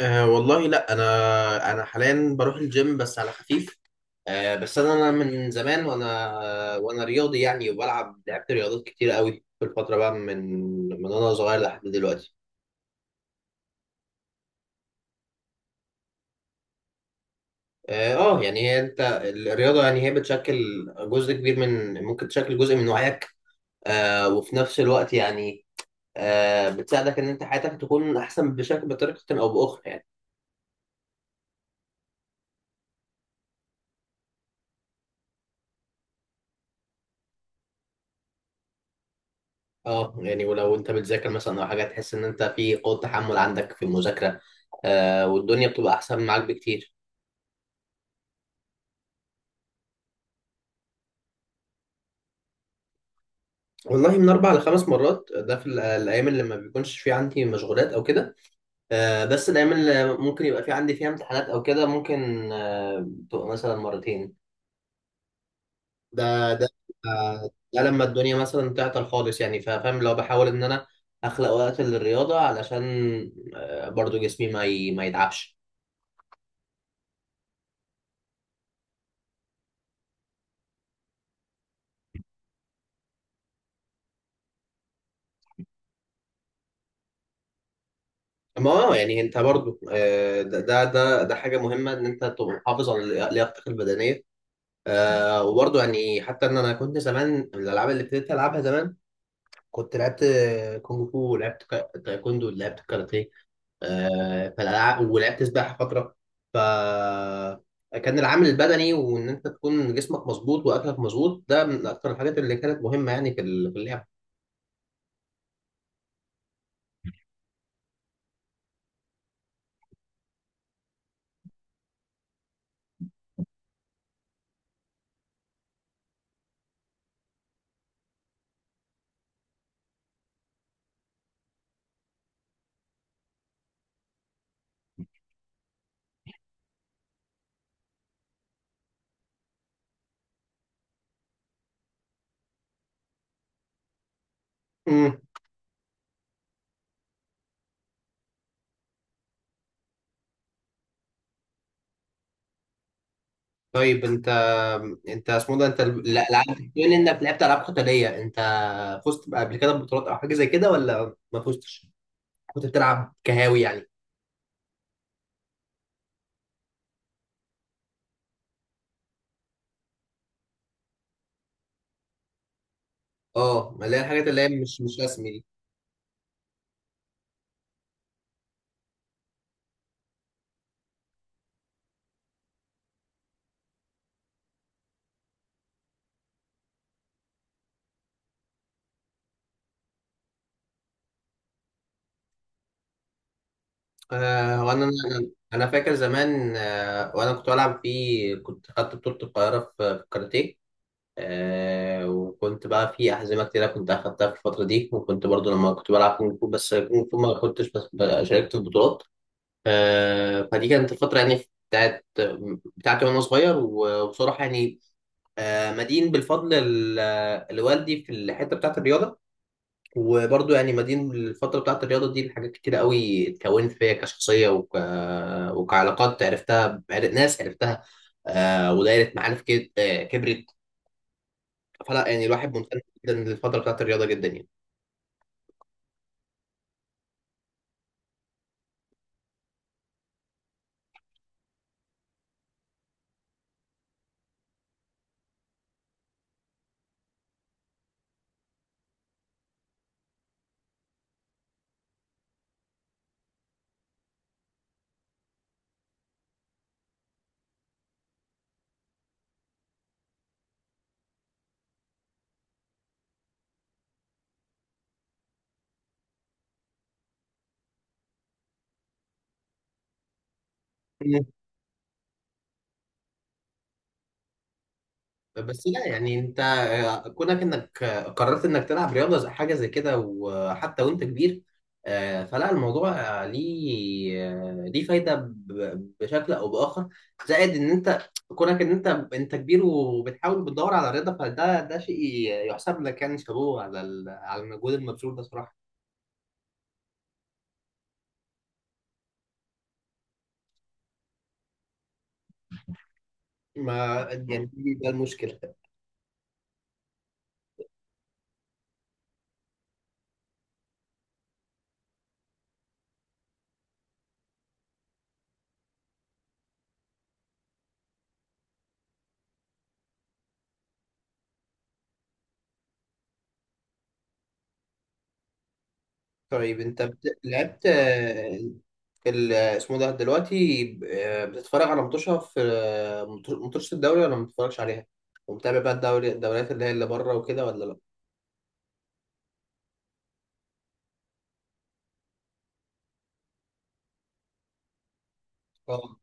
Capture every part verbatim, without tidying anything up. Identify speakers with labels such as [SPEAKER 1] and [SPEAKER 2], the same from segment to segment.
[SPEAKER 1] أه والله لا انا انا حاليا بروح الجيم، بس على خفيف. أه بس انا أنا من زمان وانا وانا رياضي يعني، وبلعب لعبت رياضات كتير قوي في الفتره بقى، من من وانا صغير لحد دلوقتي. اه آه، يعني هي انت الرياضه يعني هي بتشكل جزء كبير من ممكن تشكل جزء من وعيك. أه وفي نفس الوقت يعني، أه بتساعدك ان انت حياتك تكون احسن بشكل بطريقه او باخرى يعني. اه يعني ولو انت بتذاكر مثلا او حاجه، تحس ان انت في قوه تحمل عندك في المذاكره، آه والدنيا بتبقى احسن معاك بكتير. والله من اربع لخمس مرات، ده في ال- الايام اللي ما بيكونش في عندي مشغولات او كده. آه بس الايام اللي ممكن يبقى في عندي فيها امتحانات او كده، ممكن آه تبقى مثلا مرتين. ده ده آه ده لما الدنيا مثلا تعطل خالص يعني، فا- فاهم لو بحاول ان انا اخلق وقت للرياضه، علشان آه برضو جسمي ما ي- ما يتعبش. ما اه يعني انت برضو، آه، ده ده ده ده حاجه مهمه ان انت تبقى محافظ على لياقتك البدنيه. آه، وبرضو يعني حتى ان انا كنت زمان، من الالعاب اللي ابتديت العبها زمان، كنت لعبت آه، كونغ فو، ولعبت كا- تايكوندو، ولعبت كاراتيه، آه، فالالعاب، ولعبت سباحه فتره. ف كان العامل البدني، وان انت تكون جسمك مظبوط واكلك مظبوط، ده من اكتر الحاجات اللي كانت مهمه يعني، في ال- في اللعب. طيب انت انت اسمه ده، انت ال- الالعاب، بما انك لعبت العاب قتاليه، انت فزت بقى قبل كده ببطولات او حاجه زي كده ولا ما فزتش؟ كنت بتلعب كهاوي يعني. اه ما اللي هي الحاجات اللي هي مش مش رسمي دي. آه وانا انا انا فاكر زمان، آه وانا كنت بلعب في كنت خدت بطوله القاهره في في الكاراتيه. آه وكنت بقى في احزمه كتيره كنت اخدتها في الفتره دي، وكنت برضو لما كنت بلعب كونغ فو، بس كونغ فو ما كنتش بس- شاركت في بطولات. آه، فدي كانت الفترة يعني، بتاعت بتاعتي وأنا صغير، و- وبصراحة يعني، آه، مدين بالفضل ال- لوالدي في الحتة بتاعت الرياضة. وبرضه يعني، مدين بالفترة بتاعت الرياضة دي، لحاجات كتيرة قوي اتكونت فيا كشخصية، وك... وكعلاقات عرفتها، بعر- ناس عرفتها، آه، ودايرة معارف كد- آه، كبرت. فلا يعني الواحد ممتن جدا للفترة بتاعت الرياضة، جدا يعني. بس لا يعني انت، آه، كونك انك آه، قررت انك تلعب رياضه زي حاجه زي كده، وحتى وانت كبير، آه، فلا الموضوع، آه، ليه آه، ليه فايده، ب- بشكل او باخر. زائد ان انت، كونك ان انت، انت كبير وبتحاول بتدور على رياضه، فده ده شيء يحسب لك يعني، شابوه على ال- على المجهود المبذول ده صراحه. ما يعني، مم. دي- ده المشكله. طيب انت بت- لعبت، آه، ال- اسمه ده دلوقتي، ب- آه، بتتفرج على ماتشها في آه، مط- ماتشات الدوري ولا ما بتتفرجش عليها؟ ومتابع بقى الدوري الدوريات اللي هي اللي بره وكده ولا لا؟ اه.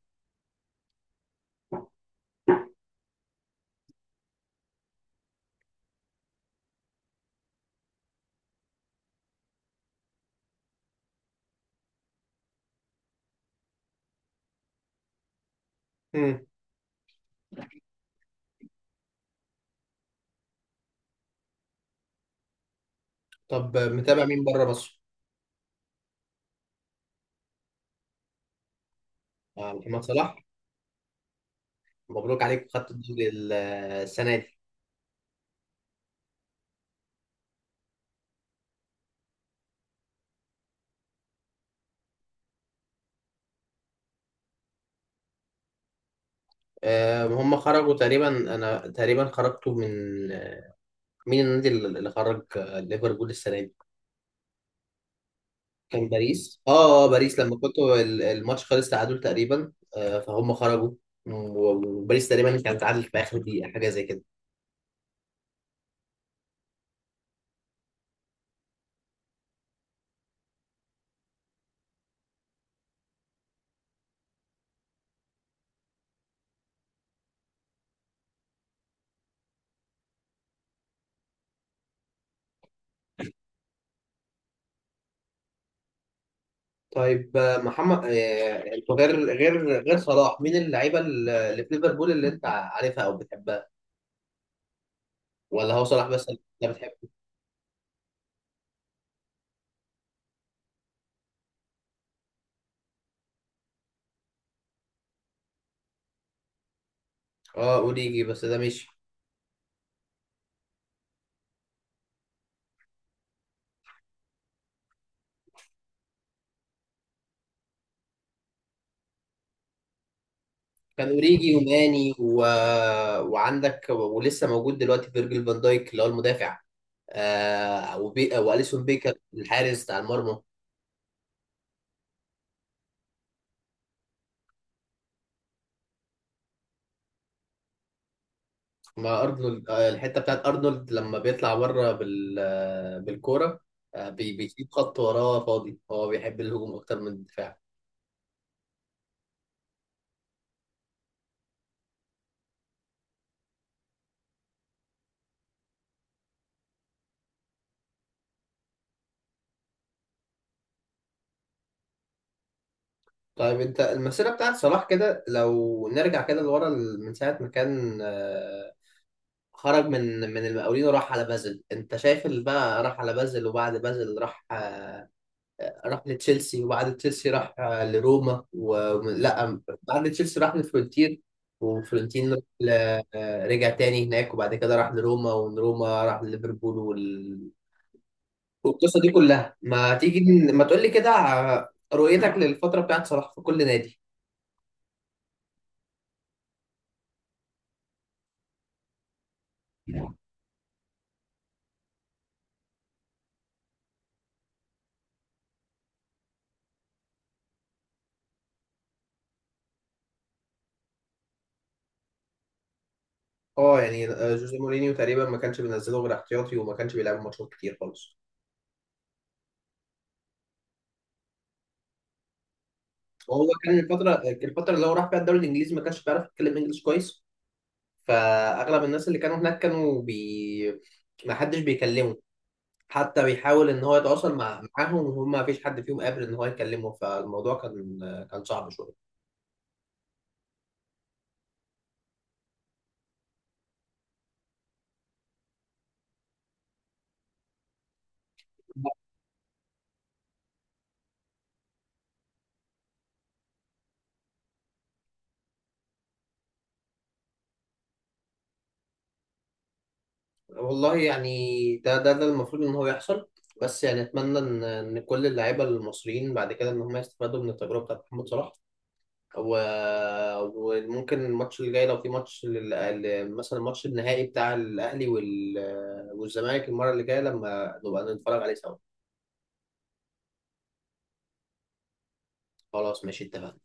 [SPEAKER 1] مم. طب، آه، متابع مين بره مصر؟ آه، محمد صلاح. مبروك عليك، خدت الدوري ال- آه، السنة دي. آه، هم خرجوا تقريبا. انا تقريبا خرجتوا من، آه، مين النادي اللي اللي خرج آه، ليفربول السنة دي؟ كان باريس اه اه باريس، لما كنت ال- الماتش خلص تعادل تقريبا، آه، فهم خرجوا و- وباريس تقريبا كانت تعادل في اخر دقيقه، حاجه زي كده. طيب، آه، محمد آه، انتوا غير غير غير صلاح مين اللعيبه اللي في ليفربول اللي انت عارفها او بتحبها، ولا هو صلاح بس اللي انت بتحبه؟ اه اوريجي، بس ده مش، كان اوريجي وماني و... وعندك، ولسه موجود دلوقتي، فيرجيل فان دايك اللي هو المدافع، آه وبي... واليسون بيكر، الحارس بتاع المرمى. مع ارنولد، آه، الحته بتاعت ارنولد لما بيطلع بره بال آه، بالكوره، آه، بي- بيسيب خط وراه فاضي، هو بيحب الهجوم اكتر من الدفاع. طيب، انت المسيره بتاعت صلاح، كده لو نرجع كده لورا، ال- من ساعه ما كان، آه، خرج من من المقاولين، وراح على بازل، انت شايف، اللي بقى راح على بازل، وبعد بازل راح آه، راح لتشيلسي، وبعد تشيلسي راح آه، لروما، ولا بعد تشيلسي راح لفلورنتين، وفلورنتين راح ل- آه، رجع تاني هناك، وبعد كده راح لروما، ومن روما راح لليفربول وال... والقصة دي كلها، ما تيجي ن- ما تقول لي كده ع- رؤيتك للفترة بتاعت صلاح في كل نادي. اه يعني آه، جوزيه مورينيو تقريبا ما كانش بينزله غير احتياطي، وما كانش بيلعب ماتشات كتير خالص. وهو كان، الفترة الفترة اللي هو راح فيها الدوري الانجليزي، ما كانش بيعرف يتكلم انجلش كويس، فاغلب الناس اللي كانوا هناك كانوا بي ما حدش بيكلمه. حتى بيحاول ان هو يتواصل مع معاهم، وهم ما فيش حد فيهم قادر ان هو يكلمه، فالموضوع كان كان صعب شويه. والله يعني، ده ده ده المفروض ان هو يحصل، بس يعني اتمنى ان ان كل اللعيبه المصريين بعد كده ان هم يستفادوا من التجربه بتاعت محمد صلاح و... وممكن الماتش اللي جاي، لو في ماتش لل... ال- مثلا الماتش النهائي بتاع الاهلي وال... والزمالك، المره اللي جايه لما نبقى نتفرج عليه سوا. خلاص ماشي، اتفقنا.